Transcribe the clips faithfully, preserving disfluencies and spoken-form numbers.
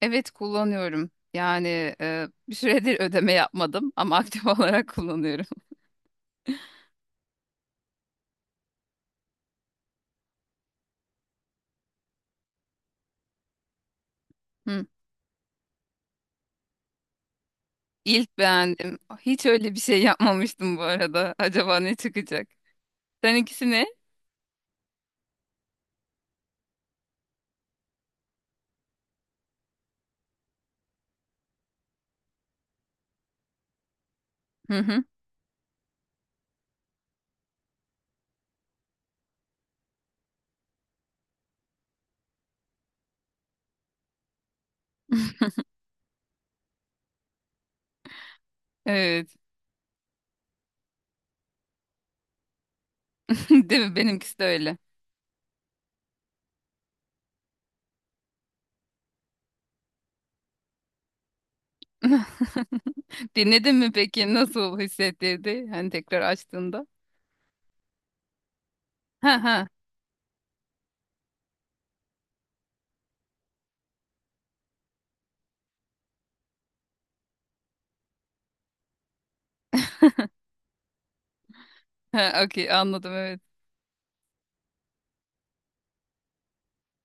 Evet kullanıyorum. Yani e, bir süredir ödeme yapmadım ama aktif olarak kullanıyorum. Hı. İlk beğendim. Hiç öyle bir şey yapmamıştım bu arada. Acaba ne çıkacak? Sen ikisi ne? Hı hı. Evet. Değil mi? Benimkisi de öyle. Dinledin mi peki? Nasıl hissettirdi? Hani tekrar açtığında. Ha ha. Ha, okey anladım evet.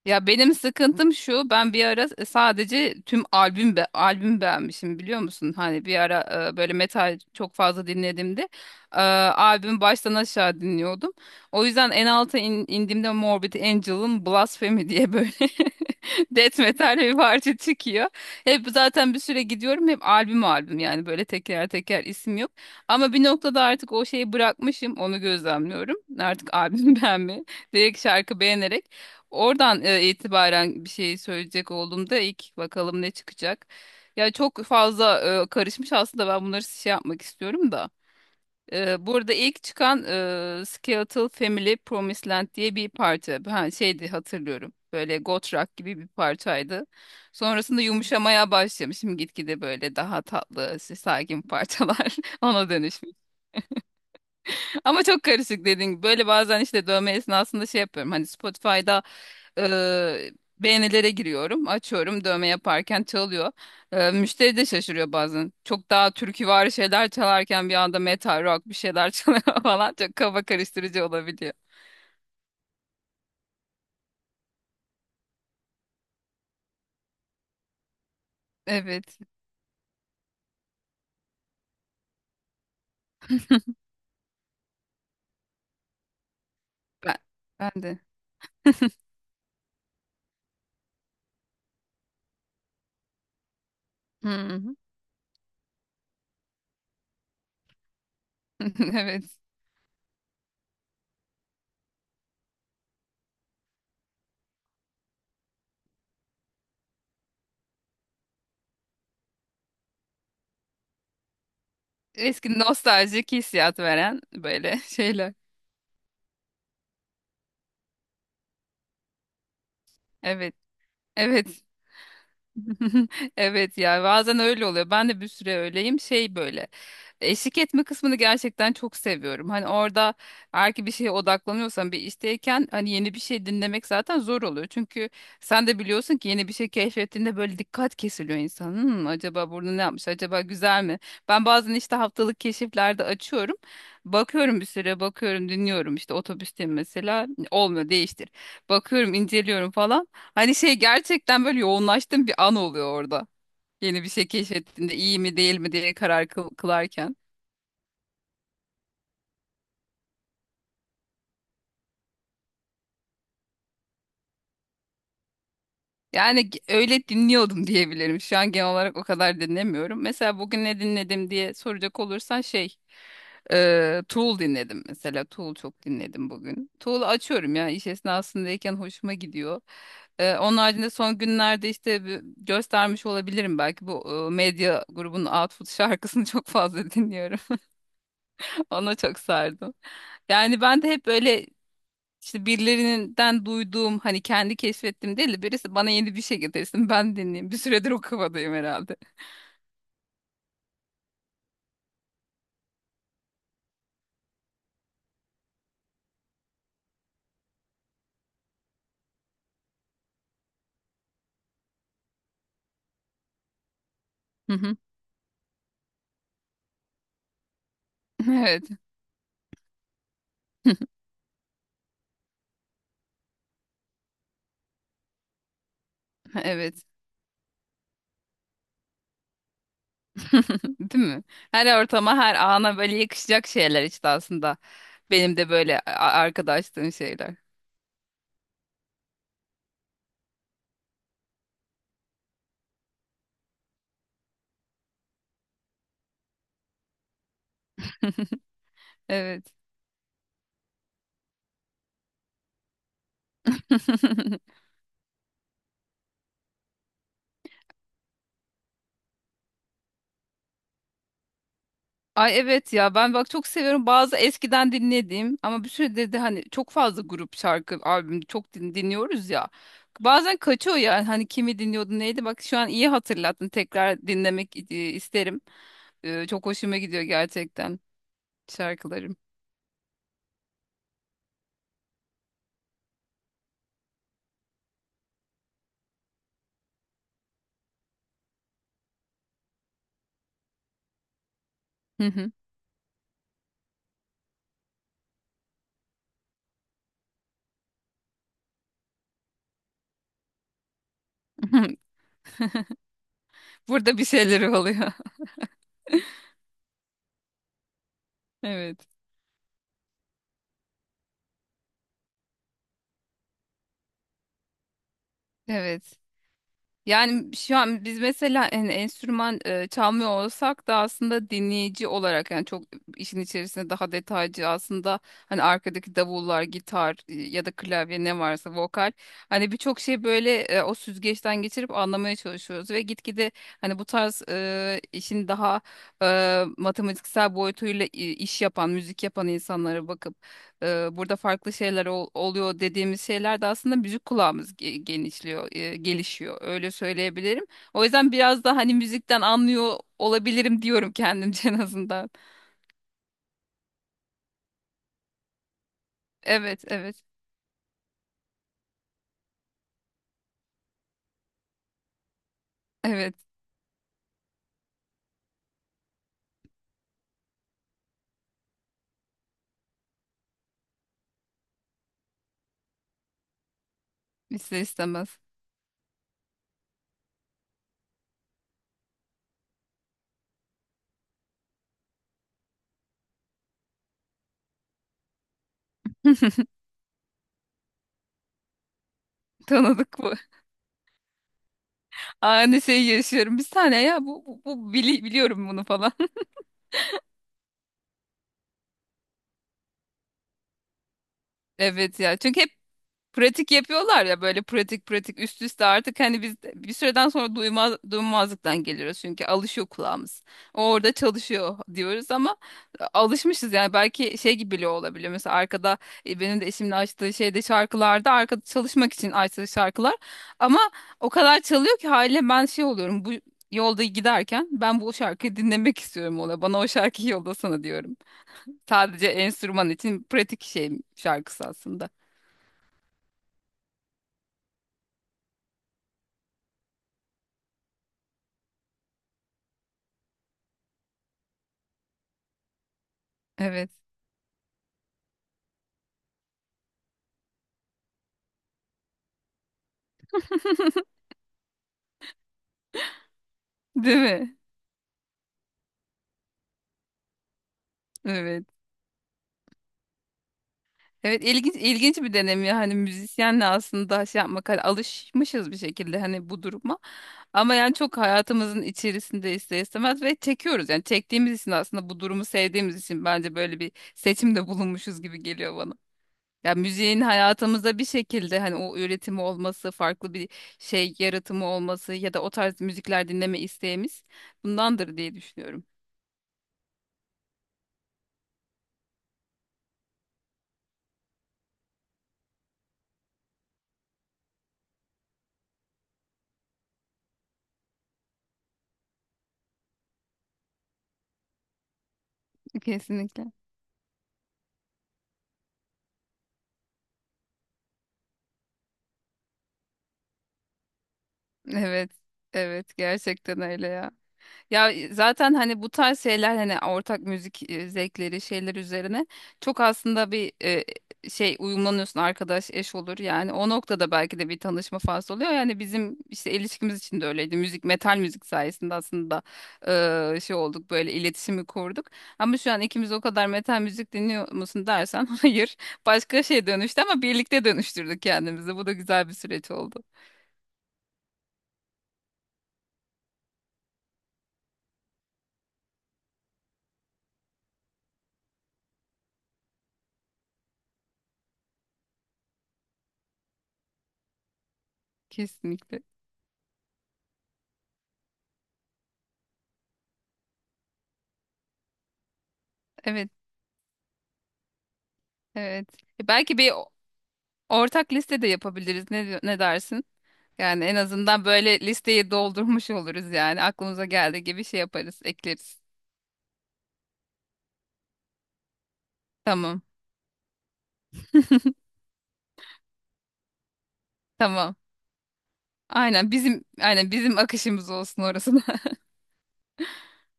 Ya benim sıkıntım şu, ben bir ara e, sadece tüm albüm be, albüm beğenmişim biliyor musun? Hani bir ara e, böyle metal çok fazla dinlediğimde e, albüm baştan aşağı dinliyordum. O yüzden en alta in- indiğimde Morbid Angel'ın Blasphemy diye böyle death metal bir parça çıkıyor. Hep zaten bir süre gidiyorum hep albüm albüm yani böyle teker teker isim yok. Ama bir noktada artık o şeyi bırakmışım onu gözlemliyorum. Artık albüm beğenmeyi direkt şarkı beğenerek. Oradan e, itibaren bir şey söyleyecek olduğumda ilk bakalım ne çıkacak. Ya çok fazla e, karışmış aslında ben bunları şey yapmak istiyorum da. E, burada ilk çıkan e, Skeletal Family Promised Land diye bir parça. Ha, şeydi hatırlıyorum. Böyle goth rock gibi bir parçaydı. Sonrasında yumuşamaya başlamışım gitgide böyle daha tatlı, işte sakin parçalar ona dönüşmüş. Ama çok karışık dediğin gibi. Böyle bazen işte dövme esnasında şey yapıyorum. Hani Spotify'da Eee, beğenilere giriyorum. Açıyorum dövme yaparken çalıyor. Eee, müşteri de şaşırıyor bazen. Çok daha türküvari şeyler çalarken bir anda metal rock bir şeyler çalıyor falan. Çok kafa karıştırıcı olabiliyor. Evet. Ben, ben de. Hı hı. Evet. Eski nostaljik hissiyat veren böyle şeyler. Evet. Evet. Evet ya bazen öyle oluyor. Ben de bir süre öyleyim. Şey böyle eşlik etme kısmını gerçekten çok seviyorum. Hani orada eğer ki bir şeye odaklanıyorsan bir işteyken hani yeni bir şey dinlemek zaten zor oluyor. Çünkü sen de biliyorsun ki yeni bir şey keşfettiğinde böyle dikkat kesiliyor insanın. Hmm, acaba burada ne yapmış? Acaba güzel mi? Ben bazen işte haftalık keşiflerde açıyorum. Bakıyorum bir süre bakıyorum dinliyorum işte otobüsteyim mesela olmuyor değiştir. Bakıyorum, inceliyorum falan. Hani şey gerçekten böyle yoğunlaştığım bir an oluyor orada. Yeni bir şey keşfettiğinde iyi mi değil mi diye karar kıl- kılarken. Yani ge- öyle dinliyordum diyebilirim. Şu an genel olarak o kadar dinlemiyorum. Mesela bugün ne dinledim diye soracak olursan şey e, Tool dinledim mesela. Tool çok dinledim bugün. Tool'u açıyorum ya iş esnasındayken hoşuma gidiyor. E, onun haricinde son günlerde işte bir- göstermiş olabilirim belki bu e, medya grubunun Output şarkısını çok fazla dinliyorum. Ona çok sardım. Yani ben de hep böyle işte birilerinden duyduğum hani kendi keşfettim değil de birisi bana yeni bir şey getirsin ben dinleyeyim. Bir süredir o kafadayım herhalde. Hı hı. Evet. Evet. Değil mi? Her ortama, her ana böyle yakışacak şeyler işte aslında. Benim de böyle a- arkadaşlığım şeyler. Evet. Ay evet ya ben bak çok seviyorum bazı eskiden dinlediğim ama bir süredir de hani çok fazla grup şarkı albüm çok din- dinliyoruz ya. Bazen kaçıyor yani hani kimi dinliyordu neydi bak şu an iyi hatırlattın tekrar dinlemek i- isterim. Ee, çok hoşuma gidiyor gerçekten şarkılarım. Hı hı. Burada bir şeyleri oluyor. Evet. Evet. Yani şu an biz mesela en enstrüman e, çalmıyor olsak da aslında dinleyici olarak yani çok işin içerisinde daha detaycı aslında hani arkadaki davullar, gitar e, ya da klavye ne varsa vokal hani birçok şey böyle e, o süzgeçten geçirip anlamaya çalışıyoruz ve gitgide hani bu tarz e, işin daha e, matematiksel boyutuyla i- iş yapan, müzik yapan insanlara bakıp e, burada farklı şeyler ol- oluyor dediğimiz şeyler de aslında müzik kulağımız ge- genişliyor, e, gelişiyor. Öyle söyleyebilirim. O yüzden biraz da hani müzikten anlıyor olabilirim diyorum kendimce en azından. Evet, evet, evet. İster istemez. Tanıdık bu. Aynı şeyi yaşıyorum. Bir saniye ya bu, bu, bu bili- biliyorum bunu falan. Evet ya. Çünkü hep pratik yapıyorlar ya böyle pratik pratik üst üste artık hani biz bir süreden sonra duymaz, duymazlıktan geliyoruz çünkü alışıyor kulağımız. O orada çalışıyor diyoruz ama e, alışmışız yani belki şey gibi bile olabiliyor. Mesela arkada e, benim de eşimin açtığı şeyde şarkılarda arkada çalışmak için açtığı şarkılar ama o kadar çalıyor ki haliyle ben şey oluyorum bu yolda giderken ben bu şarkıyı dinlemek istiyorum ona bana o şarkıyı yollasana diyorum. Sadece enstrüman için pratik şey şarkısı aslında. Evet. Değil mi? Evet. Evet ilginç ilginç bir deneyim ya hani müzisyenle aslında şey yapmak hani alışmışız bir şekilde hani bu duruma ama yani çok hayatımızın içerisinde ister istemez ve çekiyoruz yani çektiğimiz için aslında bu durumu sevdiğimiz için bence böyle bir seçimde bulunmuşuz gibi geliyor bana. Ya müziğin hayatımızda bir şekilde hani o üretimi olması, farklı bir şey yaratımı olması ya da o tarz müzikler dinleme isteğimiz bundandır diye düşünüyorum. Kesinlikle. Evet, evet gerçekten öyle ya. Ya zaten hani bu tarz şeyler hani ortak müzik e, zevkleri şeyler üzerine çok aslında bir e, şey uyumlanıyorsun arkadaş eş olur yani o noktada belki de bir tanışma faslı oluyor yani bizim işte ilişkimiz için de öyleydi müzik metal müzik sayesinde aslında e, şey olduk böyle iletişimi kurduk ama şu an ikimiz o kadar metal müzik dinliyor musun dersen hayır başka şey dönüştü ama birlikte dönüştürdük kendimizi bu da güzel bir süreç oldu kesinlikle evet evet. E, Belki bir ortak liste de yapabiliriz. Ne, diyor- ne dersin? Yani en azından böyle listeyi doldurmuş oluruz yani. Aklımıza geldiği gibi şey yaparız, ekleriz. Tamam, tamam. Aynen bizim aynen bizim akışımız olsun orası da.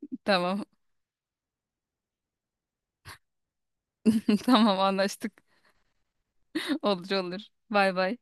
Tamam. Tamam anlaştık. Olur olur. Bay bay.